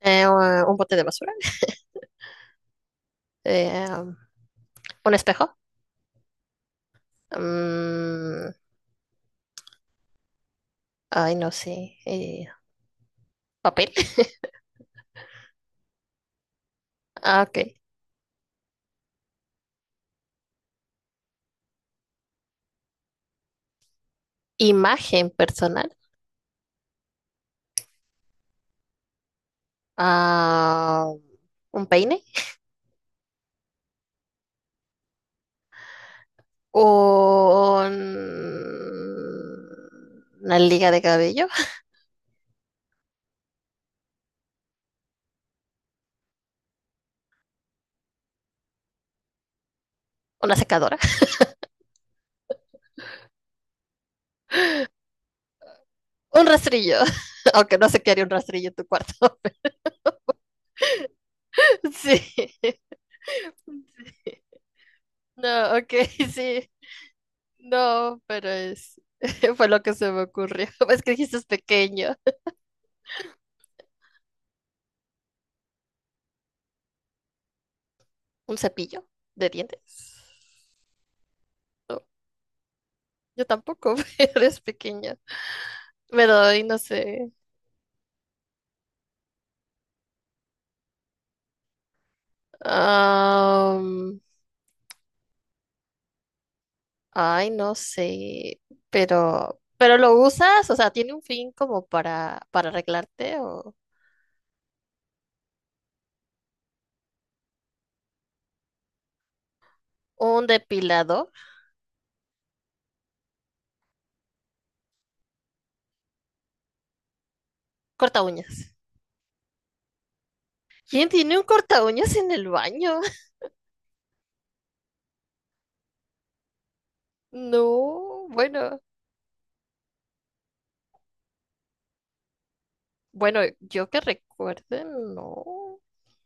Un bote de basura, eh, um, un espejo, mm, ay, no sé, papel, ah, ok, imagen personal, ah, un peine, un- una liga de cabello, una secadora, un rastrillo, aunque no sé qué haría un rastrillo en tu cuarto. Sí, sí. No, ok, sí, no, pero fue lo que se me ocurrió. Es que dijiste es pequeño. ¿Un cepillo de dientes? No, yo tampoco, eres pequeña. Pero ay, no sé. Am, ay, no sé. Pero lo usas, o sea, tiene un fin como para arreglarte o un depilador. Corta uñas. ¿Quién tiene un corta uñas en el baño? No, bueno, bueno, yo que recuerde, no,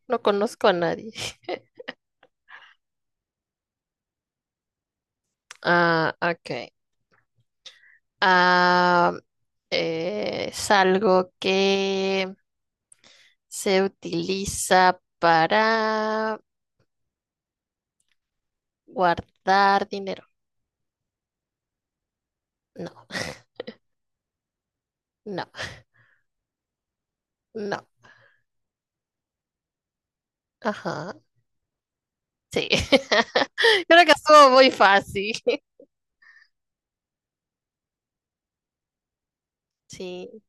no conozco a nadie. Ah, ok. Ah, es algo que se utiliza para guardar dinero. No, no, no. Ajá. Sí. Creo que estuvo muy fácil. Sí.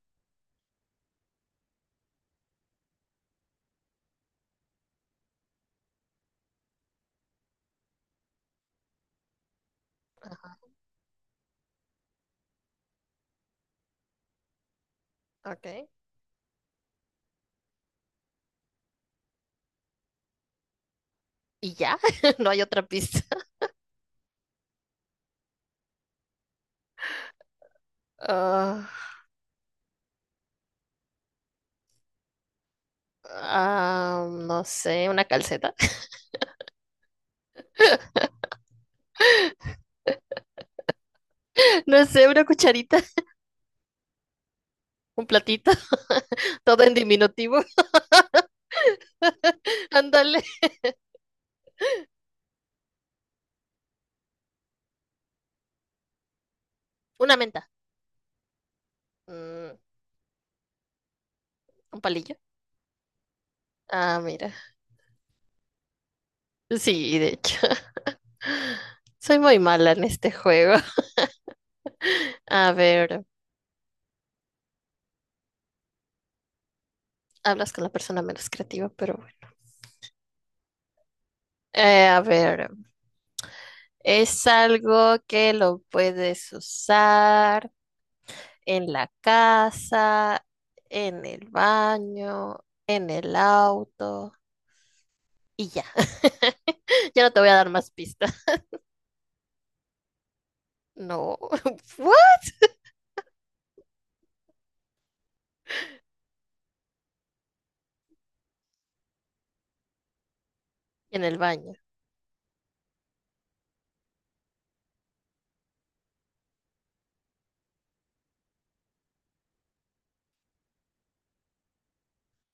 Ajá. Ok. ¿Y ya? No hay otra pista. Ah, ah, no sé, una calceta. No sé, una cucharita, un platito. Todo en diminutivo. Ándale. Una menta. Mm, un palillo. Ah, mira. Sí, de hecho, soy muy mala en este juego. A ver, hablas con la persona menos creativa, pero bueno. A ver, es algo que lo puedes usar en la casa, en el baño, en el auto y ya. Ya no te voy a dar más pistas. No. ¿What? En el baño.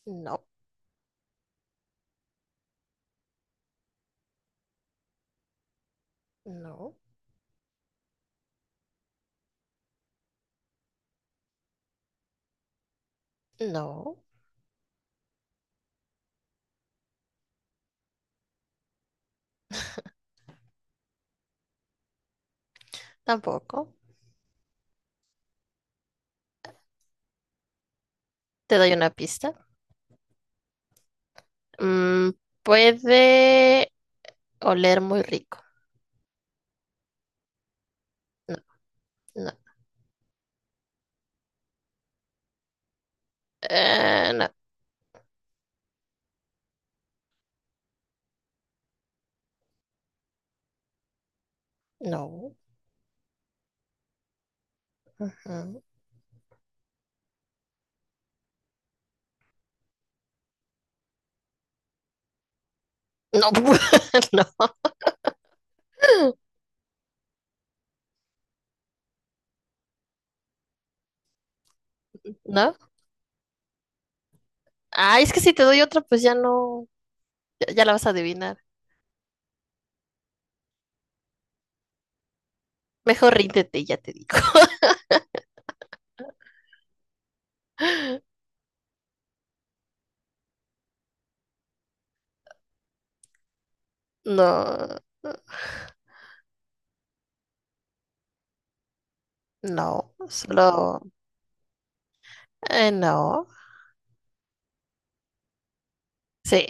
No, no, no, tampoco. Te doy una pista. Mm, puede oler muy rico. No, no, no, no. Ujú. No, no, no. Ah, es que si te doy otra, pues ya no, ya, ya la vas a adivinar. Mejor ríndete, y ya te digo. No, no, solo, no. Sí.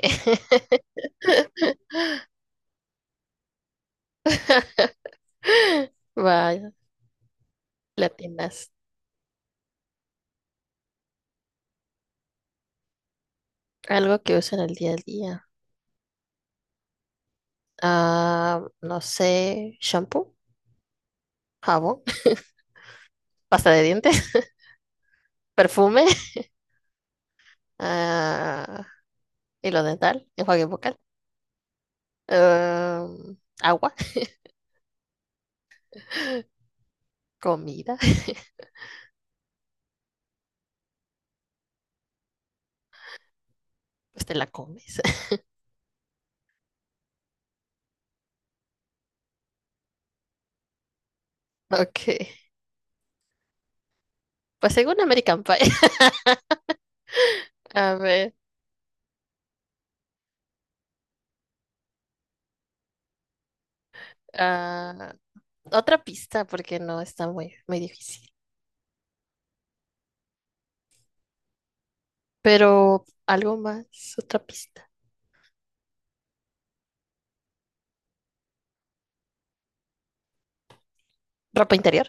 Vaya, latinas. Algo que usan el día a día. Ah, no sé, shampoo, jabón, pasta de dientes, perfume, ah, hilo dental, enjuague bucal. Agua, comida, pues te la comes. Ok, pues según American Pie. A ver, ah, otra pista, porque no está muy, muy difícil. Pero algo más, otra pista. ¿Ropa interior?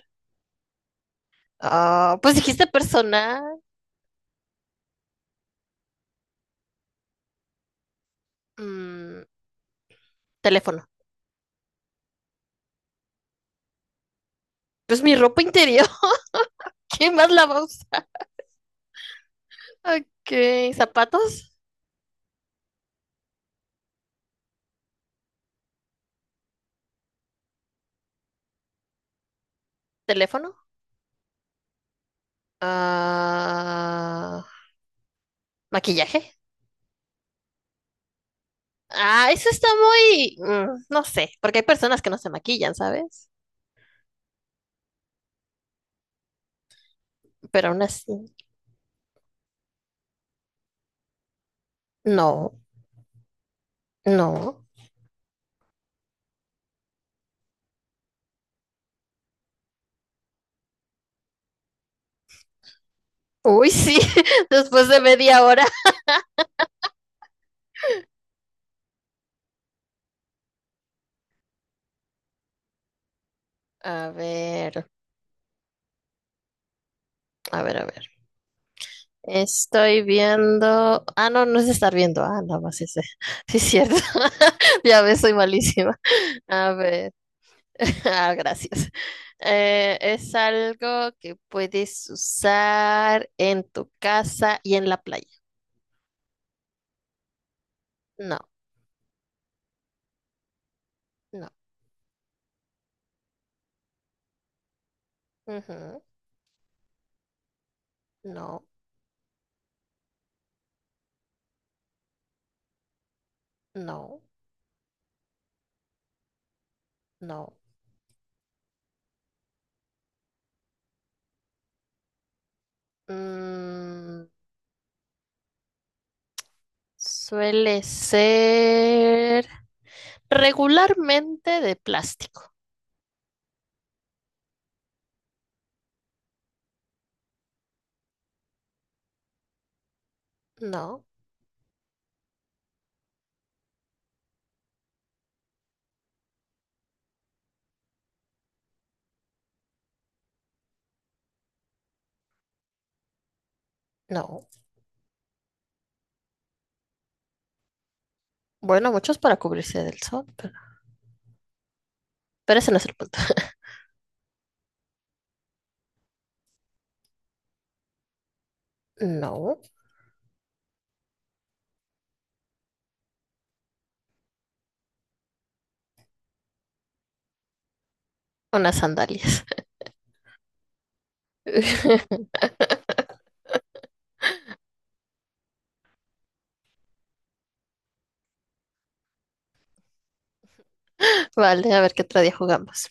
Ah, pues dijiste personal, mm, teléfono. Pues mi ropa interior, ¿quién más la va a usar? Ok, zapatos, teléfono, ah, maquillaje. Ah, eso está muy, no sé, porque hay personas que no se maquillan, ¿sabes? Pero aún así, no, no. Uy, sí, después de media hora. A ver, a ver, a ver. Estoy viendo. Ah, no, no es estar viendo. Ah, nada más ese. Sí, es cierto. Ya ves, soy malísima. A ver. Ah, gracias. Es algo que puedes usar en tu casa y en la playa. No, no. Ujú, no. No, no. Mm, suele ser regularmente de plástico. No, no. Bueno, muchos para cubrirse del sol, pero, ese no es el punto. No, unas sandalias. Vale, a ver qué otro día jugamos.